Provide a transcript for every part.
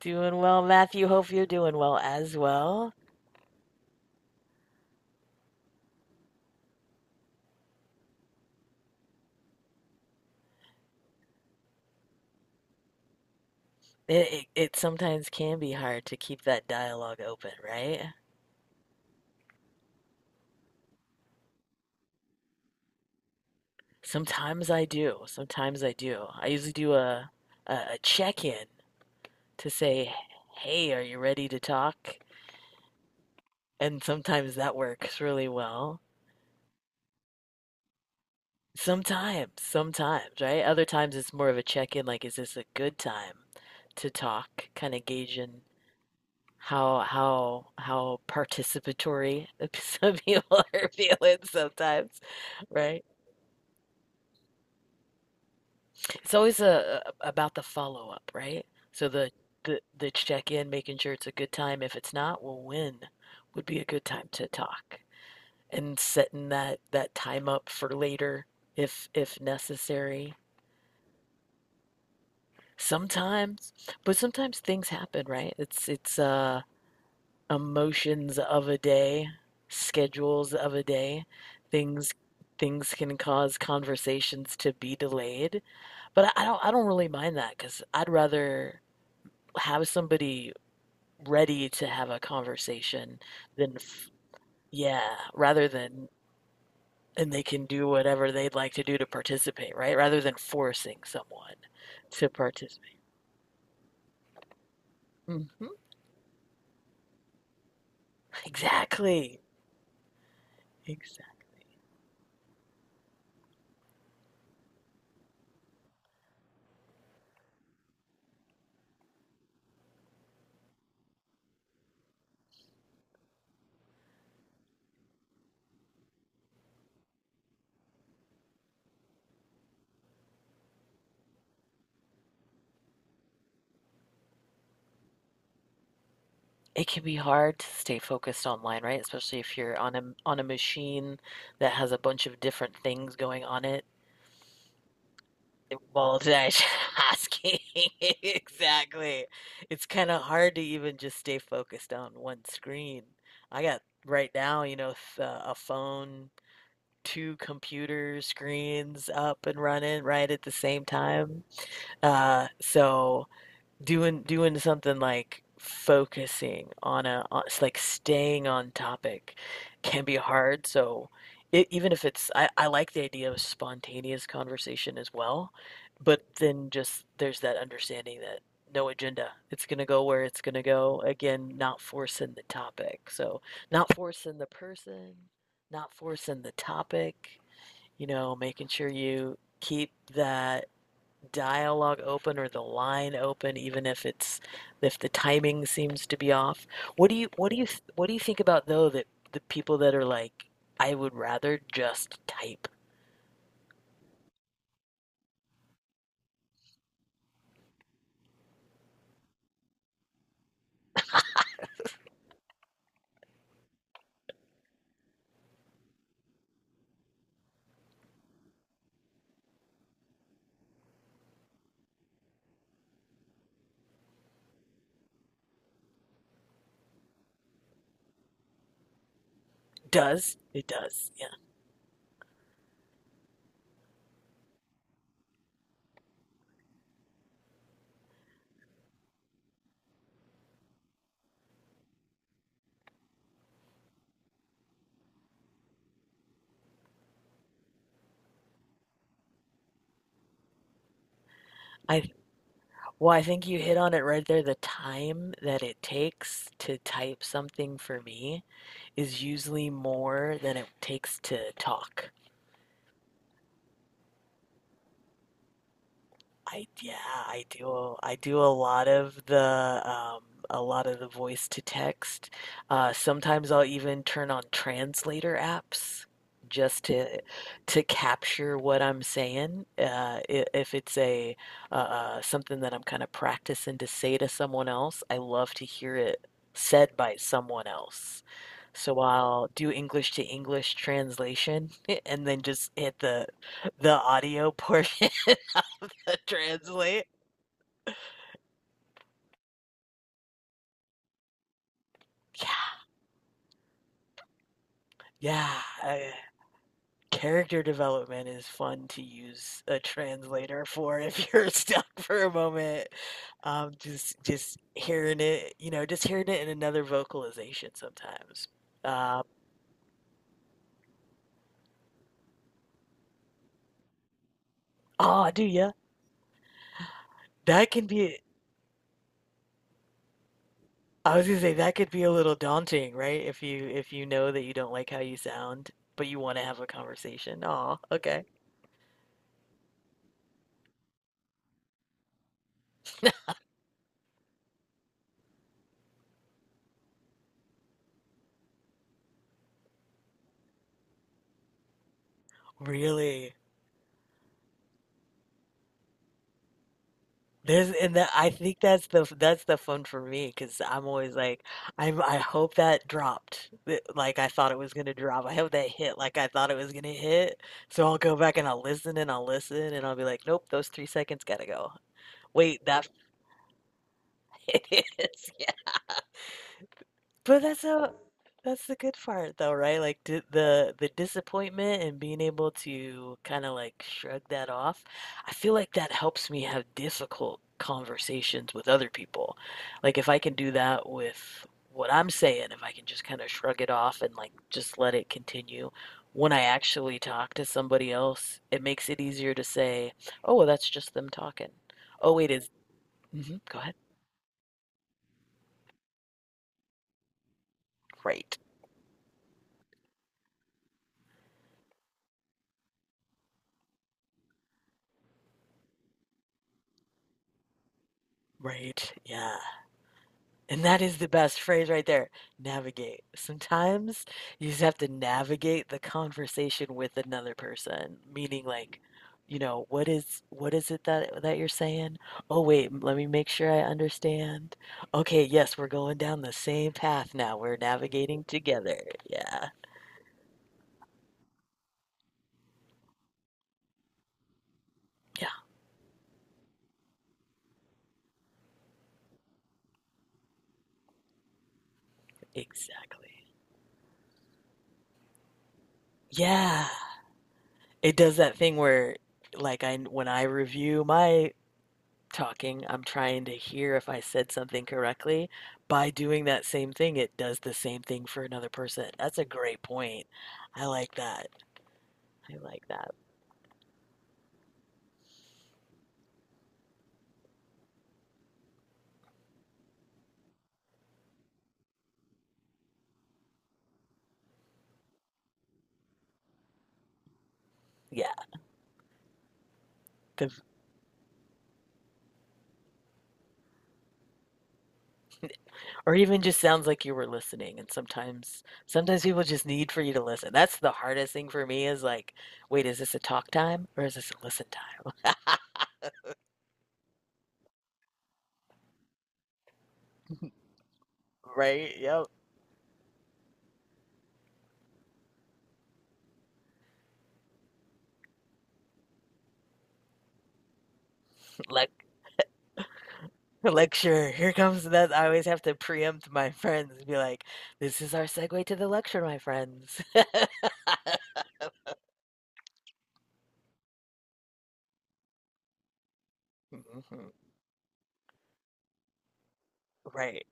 Doing well, Matthew. Hope you're doing well as well. It sometimes can be hard to keep that dialogue open, right? Sometimes I do. Sometimes I do. I usually do a check-in to say, "Hey, are you ready to talk?" And sometimes that works really well. Sometimes, sometimes, right? Other times it's more of a check-in, like, "Is this a good time to talk?" Kind of gauging how participatory some people are feeling sometimes, right? It's always about the follow up, right? So the the check in, making sure it's a good time. If it's not, well, when would be a good time to talk and setting that time up for later if necessary. Sometimes, but sometimes things happen, right? It's emotions of a day, schedules of a day, things things can cause conversations to be delayed. But I don't really mind that because I'd rather have somebody ready to have a conversation than f- yeah, rather than and they can do whatever they'd like to do to participate, right? Rather than forcing someone to participate. Hmm. Exactly. Exactly. It can be hard to stay focused online, right? Especially if you're on a machine that has a bunch of different things going on it. Multitasking. Exactly. It's kind of hard to even just stay focused on one screen. I got right now, you know, a phone, two computer screens up and running right at the same time. So doing something like focusing on like staying on topic can be hard so even if it's I like the idea of spontaneous conversation as well, but then just there's that understanding that no agenda, it's going to go where it's going to go. Again, not forcing the topic, so not forcing the person, not forcing the topic, you know, making sure you keep that dialogue open or the line open, even if the timing seems to be off. What do you what do you think about though, that the people that are like, I would rather just type. Does it does, yeah, I, well, I think you hit on it right there. The time that it takes to type something for me is usually more than it takes to talk. I yeah, I do a lot of the a lot of the voice to text. Sometimes I'll even turn on translator apps just to capture what I'm saying. If it's a something that I'm kind of practicing to say to someone else, I love to hear it said by someone else. So I'll do English to English translation and then just hit the audio portion to translate. Yeah, yeah. Character development is fun to use a translator for if you're stuck for a moment. Just hearing it, you know, just hearing it in another vocalization sometimes. Um, oh, do ya? That can be. I was gonna say that could be a little daunting, right? If you know that you don't like how you sound, but you want to have a conversation. Oh, okay. Really? There's, and that, I think that's the fun for me because I'm always like, I'm, I hope that dropped like I thought it was gonna drop. I hope that hit like I thought it was gonna hit. So I'll go back and I'll listen and I'll listen and I'll be like, nope, those 3 seconds gotta go. Wait, that it is. Yeah. But that's a, that's the good part though, right? Like d the disappointment and being able to kind of like shrug that off. I feel like that helps me have difficult conversations with other people. Like if I can do that with what I'm saying, if I can just kind of shrug it off and like just let it continue, when I actually talk to somebody else, it makes it easier to say, "Oh, well, that's just them talking." Oh, wait, is mm-hmm, go ahead. Right. Right. Yeah. And that is the best phrase right there. Navigate. Sometimes you just have to navigate the conversation with another person, meaning like, you know, what is, what is it that you're saying? Oh wait, let me make sure I understand. Okay, yes, we're going down the same path now. We're navigating together. Yeah. Yeah, exactly. Yeah. It does that thing where like I, when I review my talking, I'm trying to hear if I said something correctly. By doing that same thing, it does the same thing for another person. That's a great point. I like that. I like that. Yeah. The, or even just sounds like you were listening. And sometimes, sometimes people just need for you to listen. That's the hardest thing for me is like, wait, is this a talk time or is this a listen time? Right? Yep. Like, lecture. Here comes that. I always have to preempt my friends and be like, this is our segue to the lecture, my friends. Mhm. Right.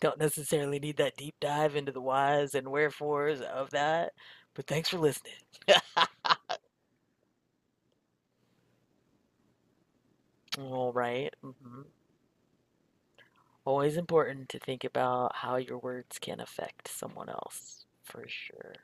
Don't necessarily need that deep dive into the whys and wherefores of that, but thanks for listening. All right. Mhm. Always important to think about how your words can affect someone else. For sure.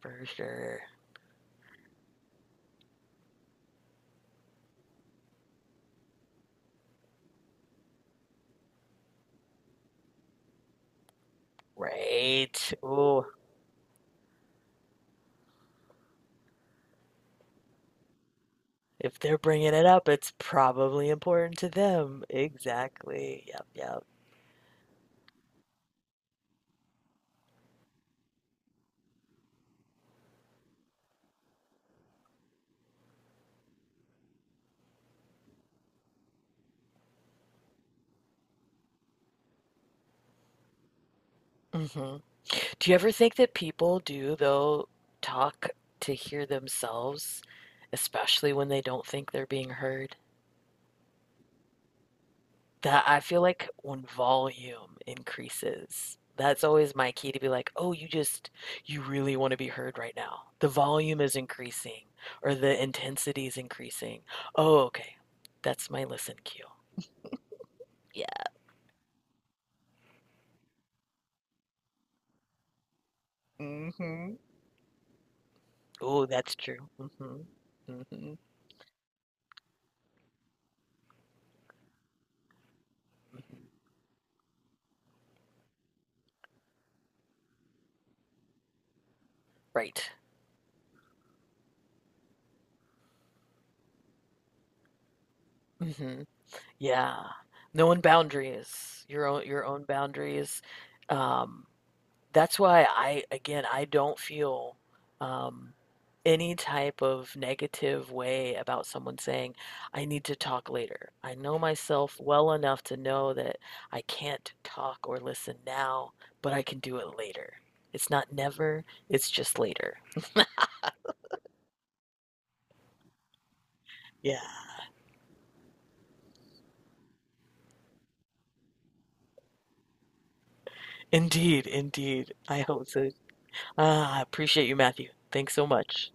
For sure. Right. Ooh, if they're bringing it up, it's probably important to them. Exactly. Yep, yep. Hmm. Do you ever think that people do, though, talk to hear themselves, especially when they don't think they're being heard? That, I feel like when volume increases, that's always my key to be like, oh, you just, you really want to be heard right now. The volume is increasing or the intensity is increasing. Oh, okay. That's my listen cue. Yeah. Hmm. Oh, that's true. Hmm. Hmm. Right. Mm-hmm. Yeah. Knowing boundaries, your own boundaries. Um, that's why again, I don't feel um, any type of negative way about someone saying, I need to talk later. I know myself well enough to know that I can't talk or listen now, but I can do it later. It's not never, it's just later. Yeah. Indeed, indeed. I hope so. Ah, I appreciate you, Matthew. Thanks so much.